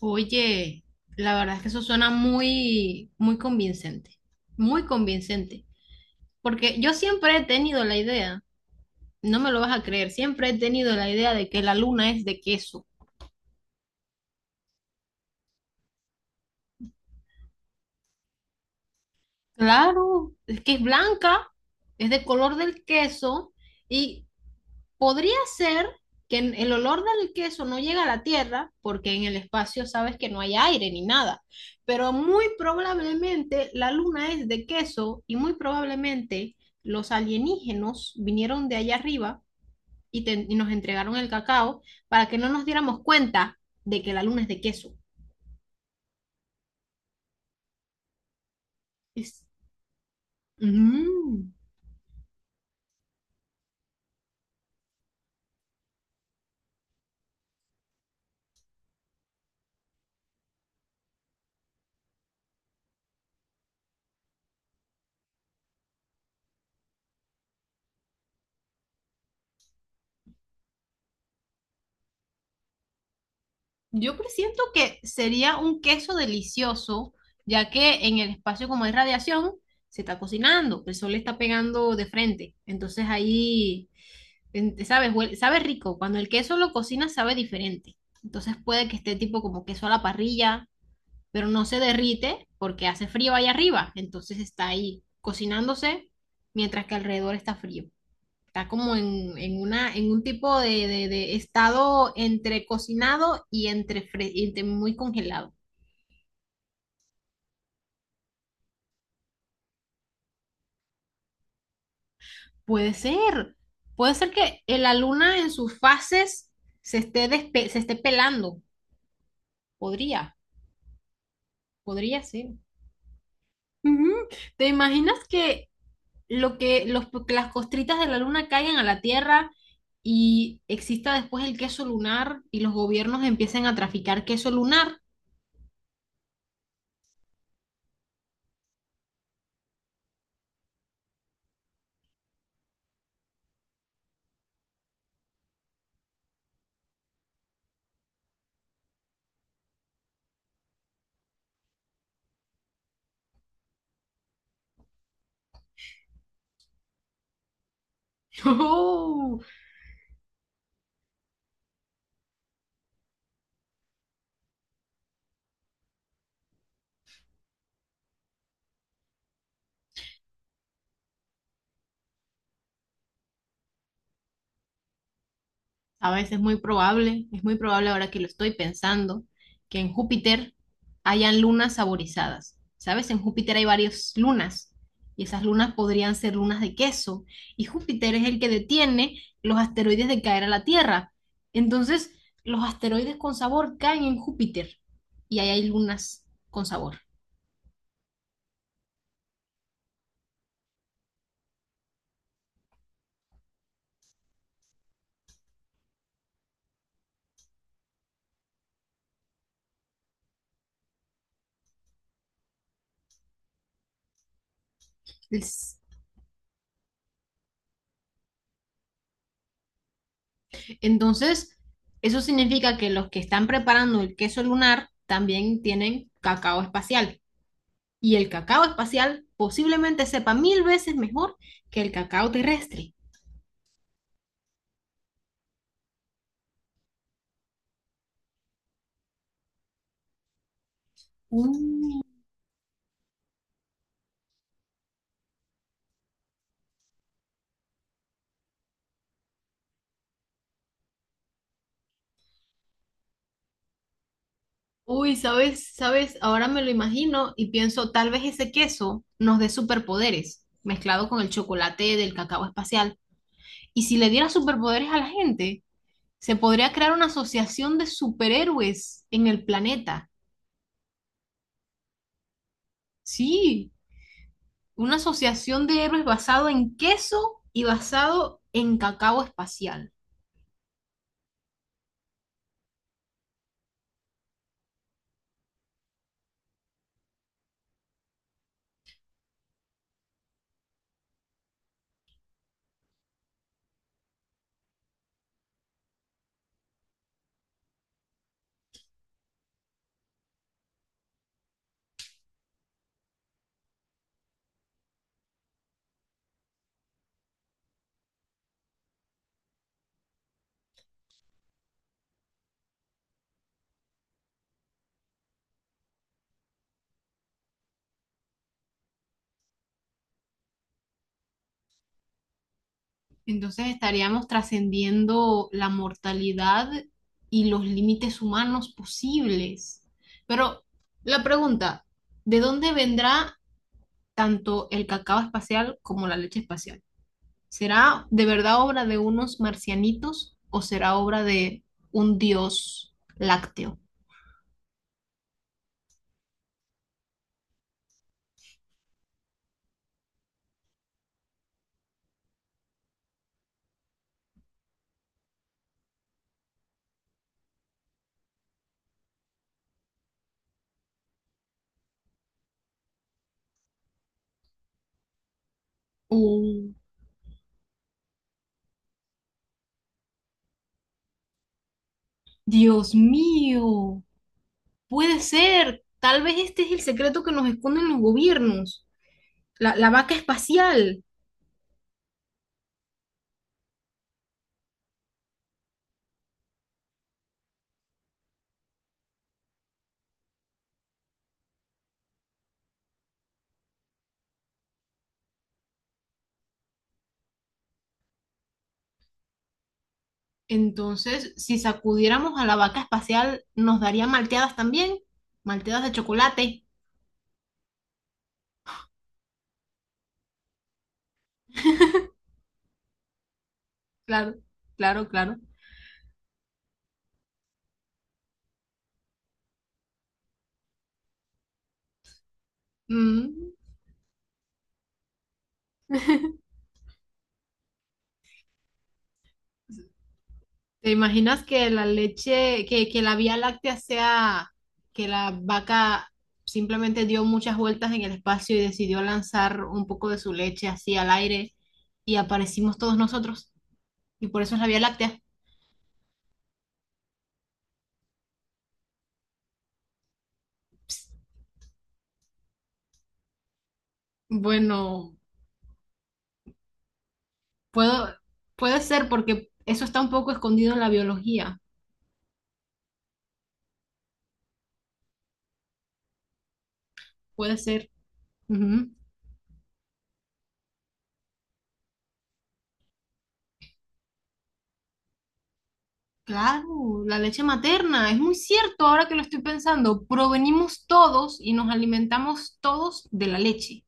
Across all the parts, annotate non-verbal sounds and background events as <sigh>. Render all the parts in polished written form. Oye, la verdad es que eso suena muy convincente, muy convincente, porque yo siempre he tenido la idea, no me lo vas a creer, siempre he tenido la idea de que la luna es de queso. Claro, es que es blanca, es de color del queso y podría ser que el olor del queso no llega a la tierra porque en el espacio sabes que no hay aire ni nada, pero muy probablemente la luna es de queso y muy probablemente los alienígenos vinieron de allá arriba y nos entregaron el cacao para que no nos diéramos cuenta de que la luna es de queso. Es- Mm. Yo presiento que sería un queso delicioso, ya que en el espacio como hay radiación, se está cocinando, el sol le está pegando de frente. Entonces ahí, ¿sabes? Sabe rico. Cuando el queso lo cocina, sabe diferente. Entonces puede que esté tipo como queso a la parrilla, pero no se derrite porque hace frío ahí arriba. Entonces está ahí cocinándose mientras que alrededor está frío. Está como en un tipo de estado entre cocinado y entre, y entre muy congelado. Puede ser. Puede ser que la luna en sus fases se esté pelando. Podría, podría ser. Ujú. ¿Te imaginas que, que las costritas de la luna caigan a la Tierra y exista después el queso lunar y los gobiernos empiecen a traficar queso lunar? <laughs> A veces muy probable, es muy probable ahora que lo estoy pensando, que en Júpiter hayan lunas saborizadas. ¿Sabes? En Júpiter hay varias lunas y esas lunas podrían ser lunas de queso. Y Júpiter es el que detiene los asteroides de caer a la Tierra. Entonces, los asteroides con sabor caen en Júpiter y ahí hay lunas con sabor. Entonces, eso significa que los que están preparando el queso lunar también tienen cacao espacial. Y el cacao espacial posiblemente sepa mil veces mejor que el cacao terrestre. Mm. Uy, ¿sabes? ¿Sabes? Ahora me lo imagino y pienso, tal vez ese queso nos dé superpoderes, mezclado con el chocolate del cacao espacial. Y si le diera superpoderes a la gente, se podría crear una asociación de superhéroes en el planeta. Sí, una asociación de héroes basado en queso y basado en cacao espacial. Entonces estaríamos trascendiendo la mortalidad y los límites humanos posibles. Pero la pregunta, ¿de dónde vendrá tanto el cacao espacial como la leche espacial? ¿Será de verdad obra de unos marcianitos o será obra de un dios lácteo? Oh, Dios mío, puede ser. Tal vez este es el secreto que nos esconden los gobiernos. La vaca espacial. Entonces, si sacudiéramos a la vaca espacial, nos daría malteadas también, malteadas de chocolate. Claro, claro. Mm, ¿te imaginas que la leche, que la Vía Láctea sea, que la vaca simplemente dio muchas vueltas en el espacio y decidió lanzar un poco de su leche así al aire y aparecimos todos nosotros? Y por eso es la Vía Láctea. Bueno, puedo, puede ser porque eso está un poco escondido en la biología. Puede ser. Ujú. Claro, la leche materna, es muy cierto ahora que lo estoy pensando, provenimos todos y nos alimentamos todos de la leche.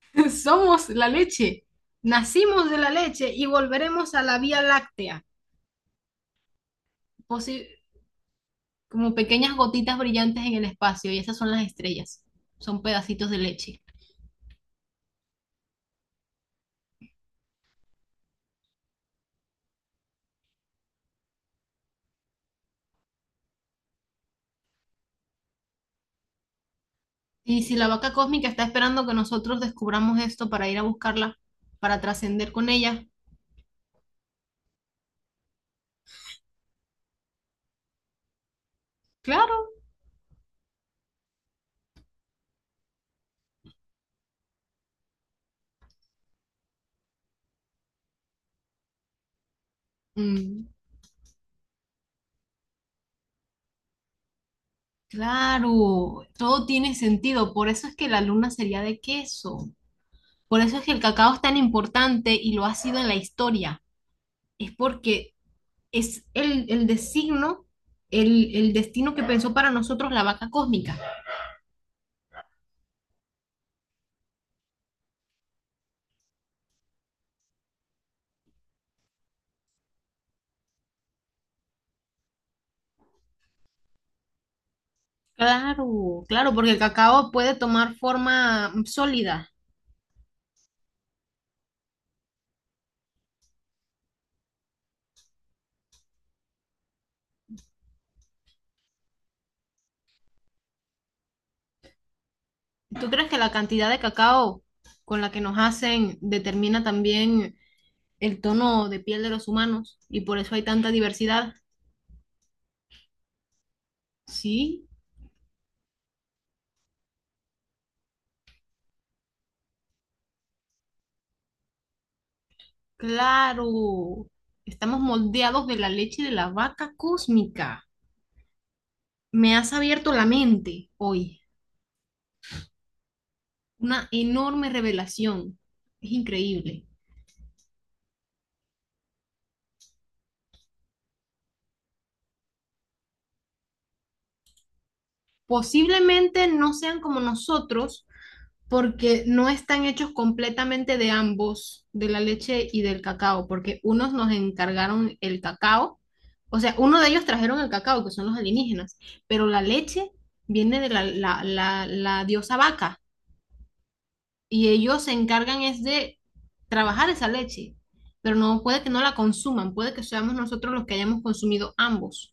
<laughs> Somos la leche, nacimos de la leche y volveremos a la Vía Láctea, posi- como pequeñas gotitas brillantes en el espacio y esas son las estrellas, son pedacitos de leche. Y si la vaca cósmica está esperando que nosotros descubramos esto para ir a buscarla, para trascender con ella, claro. Mm. Claro, todo tiene sentido. Por eso es que la luna sería de queso. Por eso es que el cacao es tan importante y lo ha sido en la historia. Es porque es el designo, el destino que pensó para nosotros la vaca cósmica. Claro, claro, porque el cacao puede tomar forma sólida. ¿Tú crees que la cantidad de cacao con la que nos hacen determina también el tono de piel de los humanos y por eso hay tanta diversidad? Sí. Claro, estamos moldeados de la leche de la vaca cósmica. Me has abierto la mente hoy. Una enorme revelación. Es increíble. Posiblemente no sean como nosotros porque no están hechos completamente de ambos, de la leche y del cacao, porque unos nos encargaron el cacao. O sea, uno de ellos trajeron el cacao, que son los alienígenas, pero la leche viene de la, la diosa vaca. Y ellos se encargan es de trabajar esa leche, pero no puede que no la consuman, puede que seamos nosotros los que hayamos consumido ambos,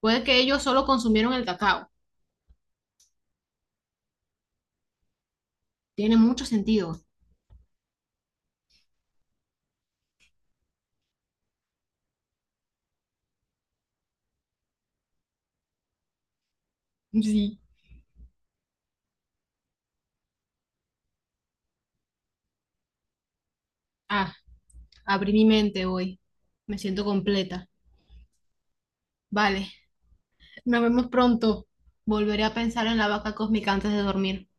puede que ellos solo consumieron el cacao, tiene mucho sentido. Sí. Ah, abrí mi mente hoy, me siento completa. Vale, nos vemos pronto. Volveré a pensar en la vaca cósmica antes de dormir.